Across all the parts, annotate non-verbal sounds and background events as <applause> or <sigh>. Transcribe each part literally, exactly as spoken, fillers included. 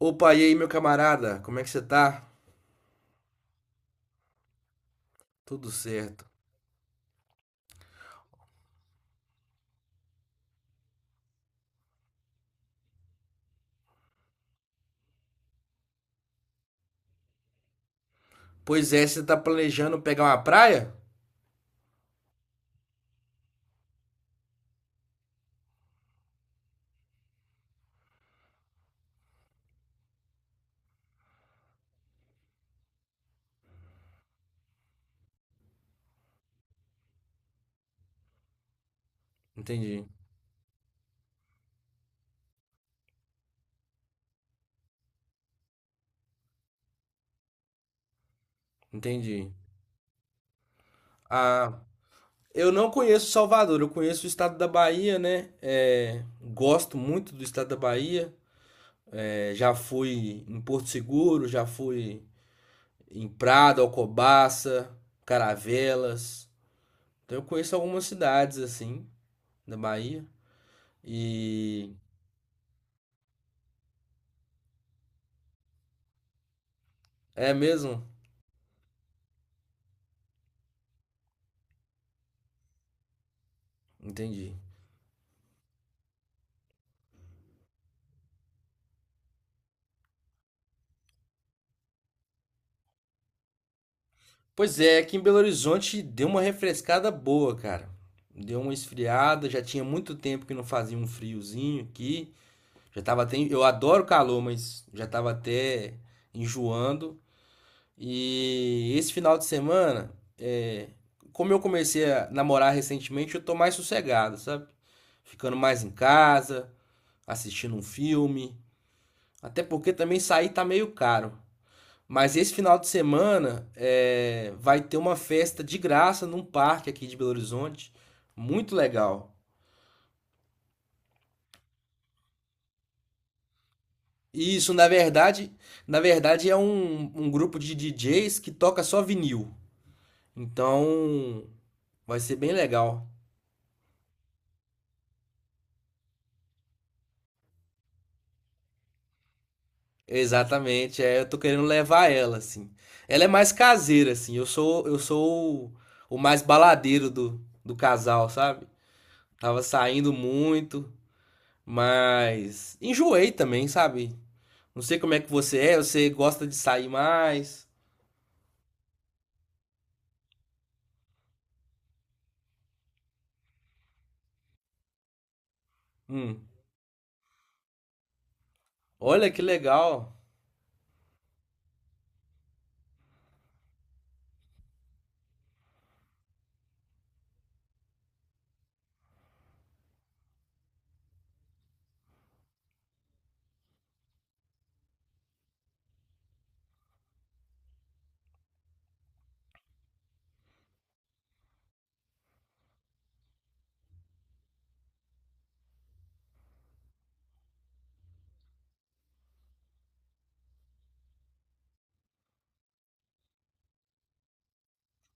Opa, e aí, meu camarada? Como é que você tá? Tudo certo. Pois é, você tá planejando pegar uma praia? Entendi, entendi. Ah, eu não conheço Salvador, eu conheço o estado da Bahia, né? É, gosto muito do estado da Bahia. É, já fui em Porto Seguro, já fui em Prado, Alcobaça, Caravelas. Então eu conheço algumas cidades assim da Bahia. E é mesmo? Entendi. Pois é, aqui em Belo Horizonte deu uma refrescada boa, cara. Deu uma esfriada, já tinha muito tempo que não fazia um friozinho aqui. Já tava até, eu adoro calor, mas já tava até enjoando. E esse final de semana, é, como eu comecei a namorar recentemente, eu tô mais sossegado, sabe? Ficando mais em casa, assistindo um filme. Até porque também sair tá meio caro. Mas esse final de semana é, vai ter uma festa de graça num parque aqui de Belo Horizonte, muito legal. E isso, na verdade, na verdade é um, um grupo de D Js que toca só vinil. Então, vai ser bem legal. Exatamente, é, eu tô querendo levar ela assim. Ela é mais caseira assim. Eu sou eu sou o, o mais baladeiro do, do casal, sabe? Tava saindo muito, mas enjoei também, sabe? Não sei como é que você é, você gosta de sair mais. Hum, olha que legal.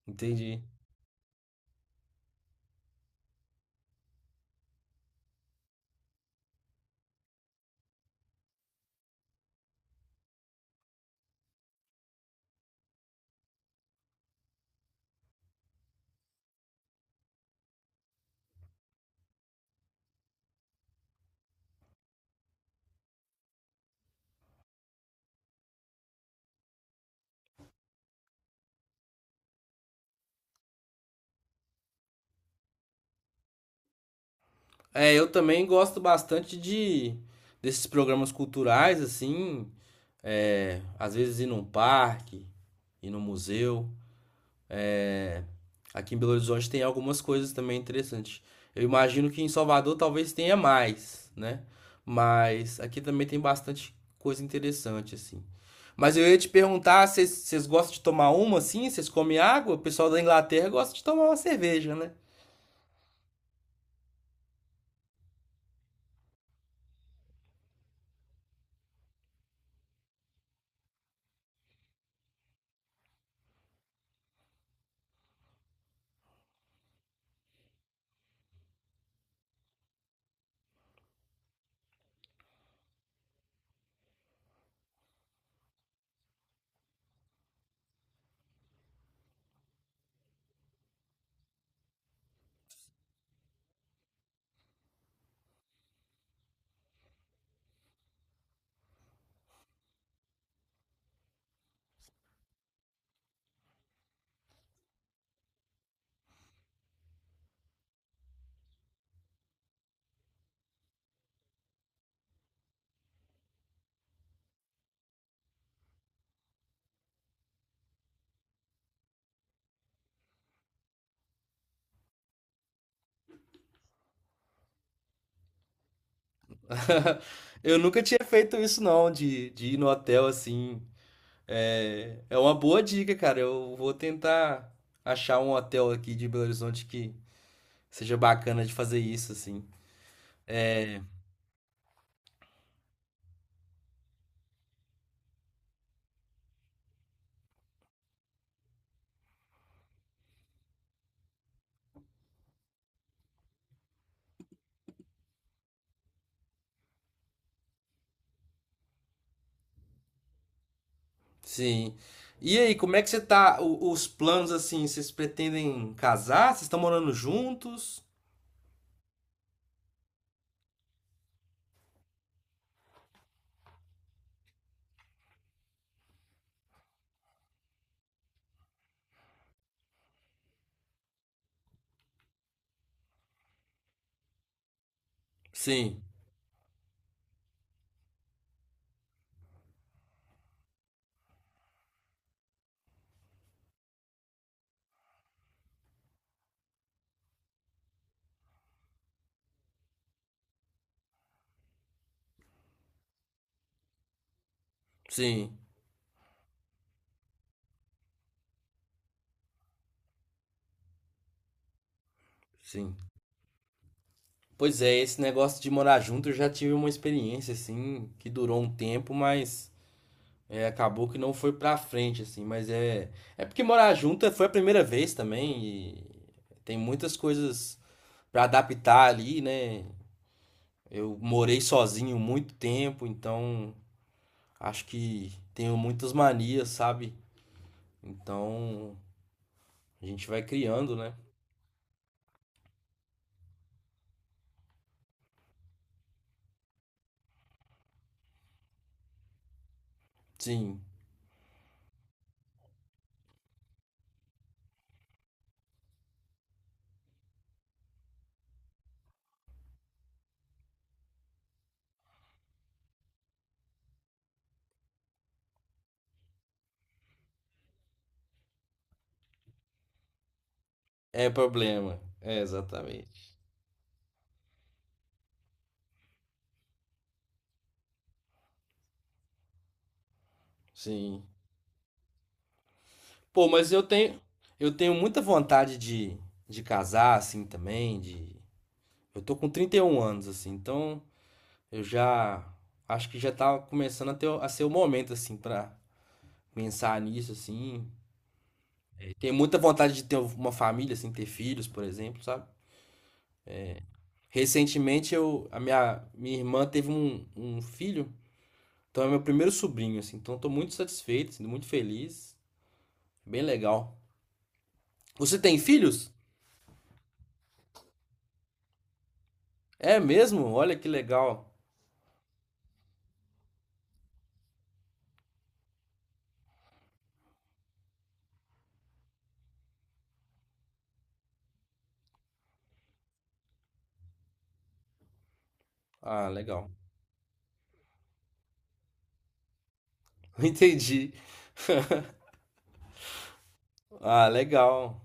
Entendi. É, eu também gosto bastante de desses programas culturais, assim. É, às vezes ir num parque, ir no museu. É. Aqui em Belo Horizonte tem algumas coisas também interessantes. Eu imagino que em Salvador talvez tenha mais, né? Mas aqui também tem bastante coisa interessante, assim. Mas eu ia te perguntar, se vocês gostam de tomar uma assim? Vocês comem água? O pessoal da Inglaterra gosta de tomar uma cerveja, né? <laughs> Eu nunca tinha feito isso, não, de, de ir no hotel assim. É, é uma boa dica, cara. Eu vou tentar achar um hotel aqui de Belo Horizonte que seja bacana de fazer isso, assim. Sim. E aí, como é que você tá? O- os planos assim, vocês pretendem casar? Vocês estão morando juntos? Sim, sim, sim. Pois é, esse negócio de morar junto eu já tive uma experiência assim, que durou um tempo, mas é, acabou que não foi pra frente assim, mas é é porque morar junto foi a primeira vez também e tem muitas coisas pra adaptar ali, né? Eu morei sozinho muito tempo, então acho que tenho muitas manias, sabe? Então, a gente vai criando, né? Sim, é problema. É, exatamente. Sim. Pô, mas eu tenho, eu tenho muita vontade de, de casar, assim, também, de... Eu tô com trinta e um anos, assim, então eu já acho que já tá começando a ter, a ser o momento, assim, pra pensar nisso, assim. Tenho muita vontade de ter uma família, assim, ter filhos, por exemplo, sabe? Recentemente eu, a minha, minha irmã teve um, um filho. Então é meu primeiro sobrinho, assim. Então estou muito satisfeito, assim, muito feliz. Bem legal. Você tem filhos? É mesmo? Olha que legal. Ah, legal. <laughs> Entendi. Ah, legal.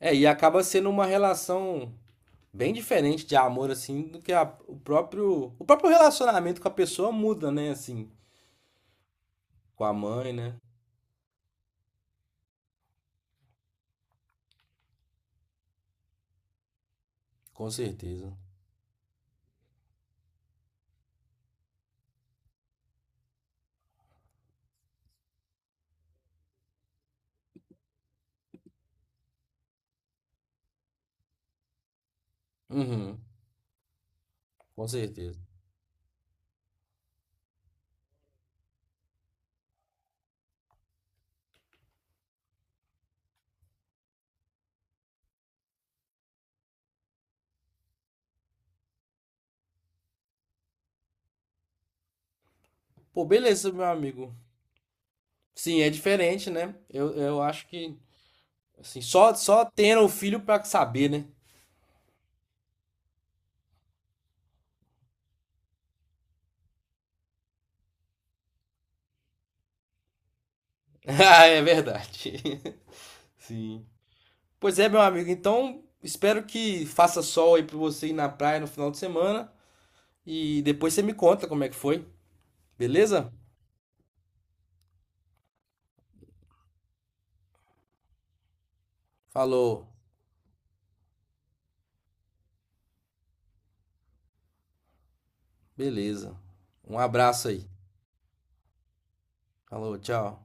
É, e acaba sendo uma relação bem diferente de amor, assim, do que a- o próprio. O próprio relacionamento com a pessoa muda, né? Assim, com a mãe, né? Com certeza. Uhum, com certeza. Pô, beleza, meu amigo. Sim, é diferente, né? Eu, eu acho que, assim, só, só tendo o filho pra saber, né? <laughs> Ah, é verdade. <laughs> Sim. Pois é, meu amigo. Então, espero que faça sol aí pra você ir na praia no final de semana. E depois você me conta como é que foi. Beleza? Falou. Beleza. Um abraço aí. Falou, tchau.